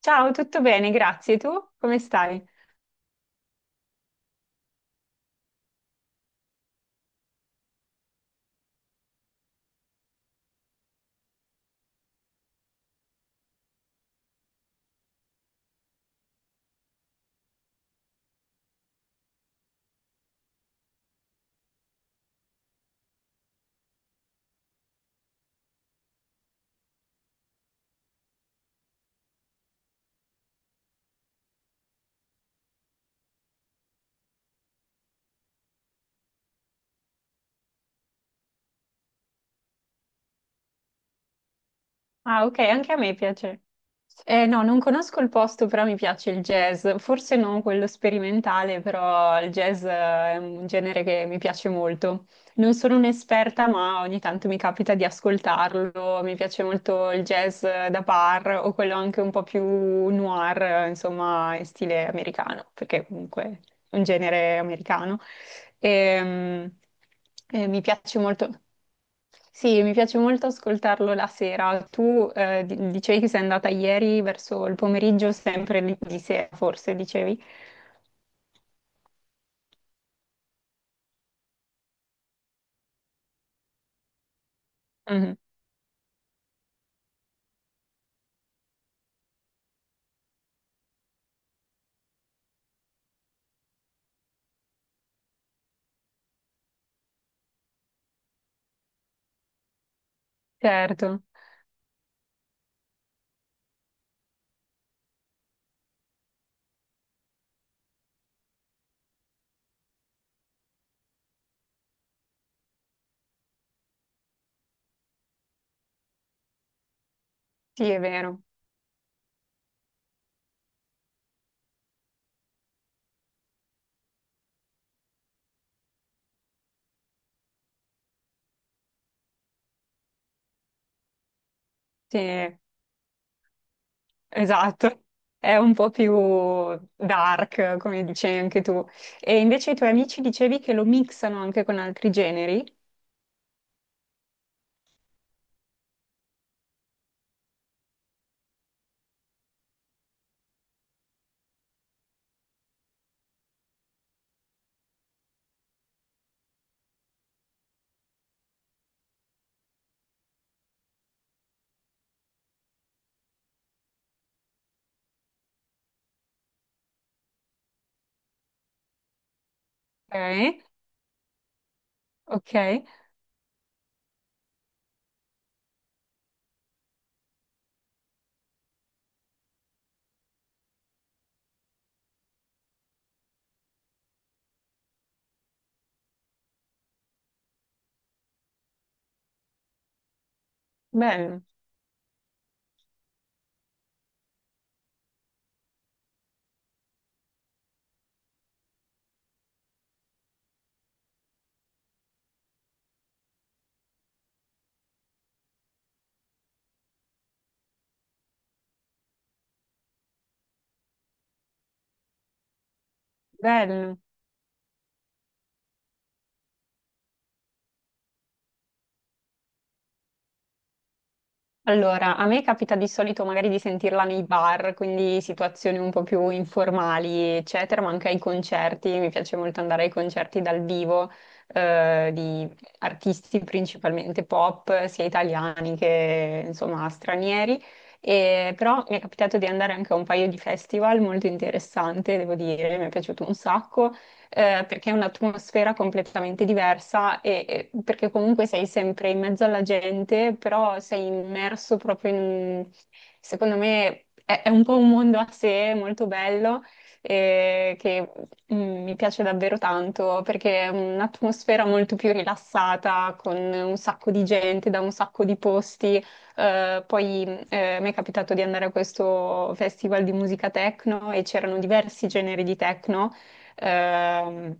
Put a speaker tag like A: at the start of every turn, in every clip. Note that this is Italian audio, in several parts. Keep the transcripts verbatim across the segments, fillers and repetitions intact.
A: Ciao, tutto bene, grazie. Tu come stai? Ah, ok, anche a me piace. Eh, no, non conosco il posto, però mi piace il jazz. Forse non quello sperimentale, però il jazz eh, è un genere che mi piace molto. Non sono un'esperta, ma ogni tanto mi capita di ascoltarlo. Mi piace molto il jazz eh, da bar o quello anche un po' più noir, eh, insomma, in stile americano, perché comunque è un genere americano. E, e mi piace molto. Sì, mi piace molto ascoltarlo la sera. Tu eh, di- dicevi che sei andata ieri verso il pomeriggio, sempre di, di sera, forse dicevi. Mhm. Certo, sì, è vero. Sì, esatto. È un po' più dark, come dicevi anche tu. E invece i tuoi amici dicevi che lo mixano anche con altri generi. Ok, ok. Bello, bello. Allora, a me capita di solito magari di sentirla nei bar, quindi situazioni un po' più informali, eccetera, ma anche ai concerti. Mi piace molto andare ai concerti dal vivo, eh, di artisti principalmente pop, sia italiani che insomma stranieri. E, però mi è capitato di andare anche a un paio di festival molto interessante, devo dire, mi è piaciuto un sacco eh, perché è un'atmosfera completamente diversa e e perché comunque sei sempre in mezzo alla gente, però sei immerso proprio in, secondo me, è, è un po' un mondo a sé molto bello eh, che mm, mi piace davvero tanto perché è un'atmosfera molto più rilassata, con un sacco di gente da un sacco di posti. Eh, poi eh, mi è capitato di andare a questo festival di musica techno e c'erano diversi generi di techno ehm,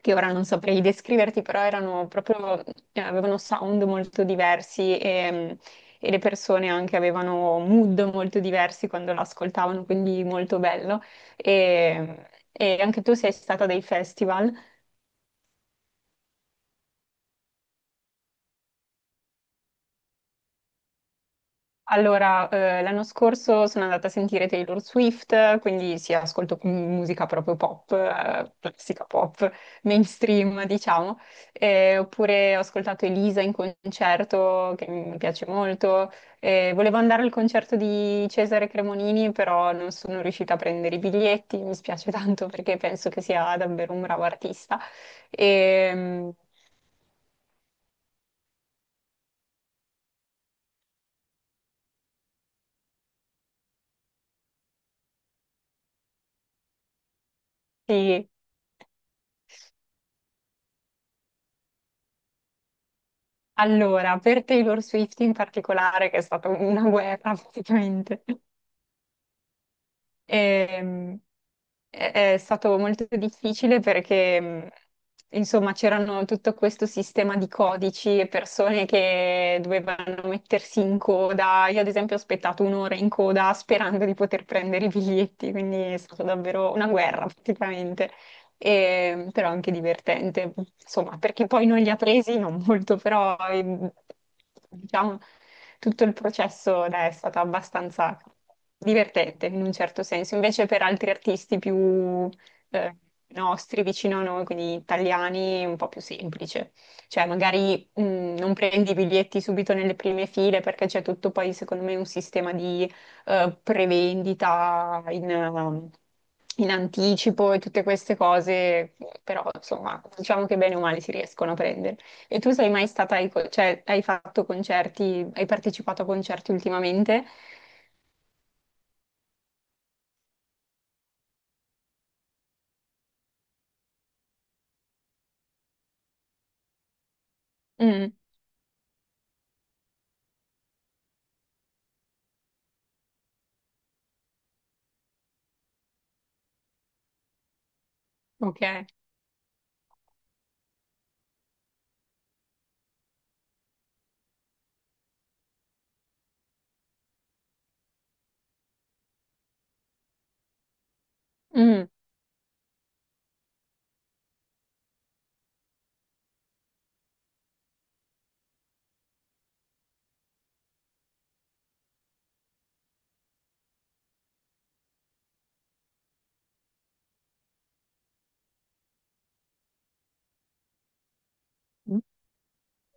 A: che ora non saprei descriverti, però erano proprio, eh, avevano sound molto diversi e, e le persone anche avevano mood molto diversi quando l'ascoltavano, quindi molto bello. E, e anche tu sei stata a dei festival? Allora, eh, l'anno scorso sono andata a sentire Taylor Swift, quindi sì, ascolto m- musica proprio pop, eh, classica pop, mainstream, diciamo. Eh, oppure ho ascoltato Elisa in concerto, che mi piace molto. Eh, volevo andare al concerto di Cesare Cremonini, però non sono riuscita a prendere i biglietti, mi spiace tanto perché penso che sia davvero un bravo artista. Ehm, sì. Allora, per Taylor Swift in particolare, che è stata una guerra praticamente, ehm, è, è stato molto difficile perché, mh, insomma, c'erano tutto questo sistema di codici e persone che dovevano mettersi in coda. Io, ad esempio, ho aspettato un'ora in coda sperando di poter prendere i biglietti, quindi è stata davvero una guerra praticamente e- però anche divertente, insomma, perché poi non li ha presi, non molto, però ehm, diciamo tutto il processo dai, è stato abbastanza divertente in un certo senso, invece per altri artisti più eh, nostri, vicino a noi, quindi italiani, è un po' più semplice. Cioè, magari mh, non prendi i biglietti subito nelle prime file perché c'è tutto poi, secondo me, un sistema di eh, prevendita in, ehm, in anticipo e tutte queste cose, però insomma, diciamo che bene o male si riescono a prendere. E tu sei mai stata, ai co- cioè hai fatto concerti, hai partecipato a concerti ultimamente? Mm, ok. Mm,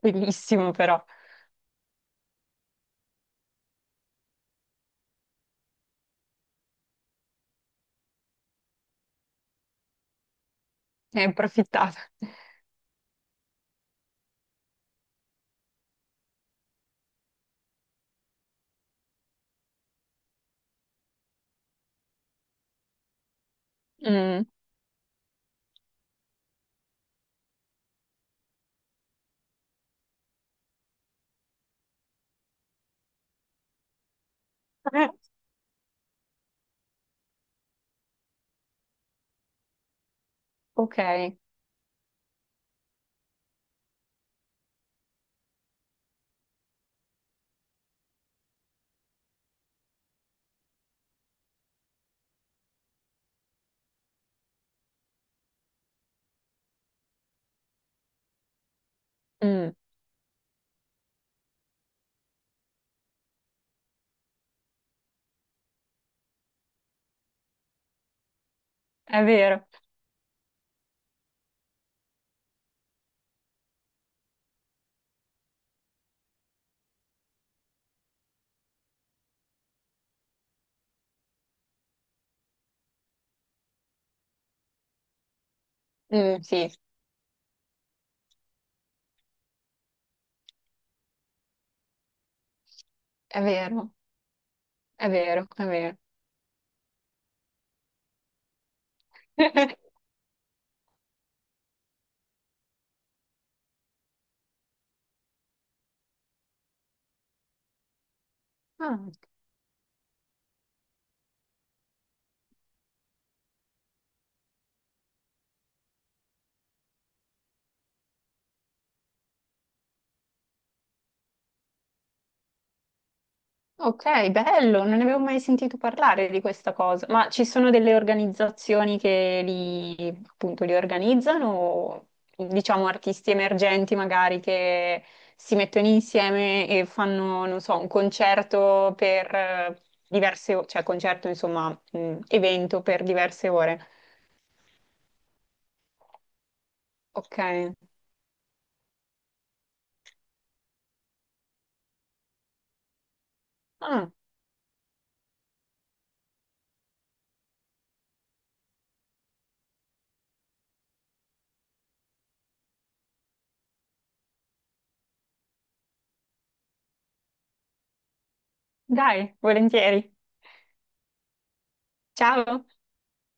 A: bellissimo però, ne hai approfittata. Mm. Eh. Ok. Mm, è vero. Mm, sì, è vero, è vero, è vero. Ah. Ok, bello, non ne avevo mai sentito parlare di questa cosa, ma ci sono delle organizzazioni che li, appunto, li organizzano, diciamo artisti emergenti magari che si mettono insieme e fanno, non so, un concerto per eh, diverse ore, cioè concerto, insomma, mh, evento per diverse ore. Ok, ah, dai, volentieri. Ciao.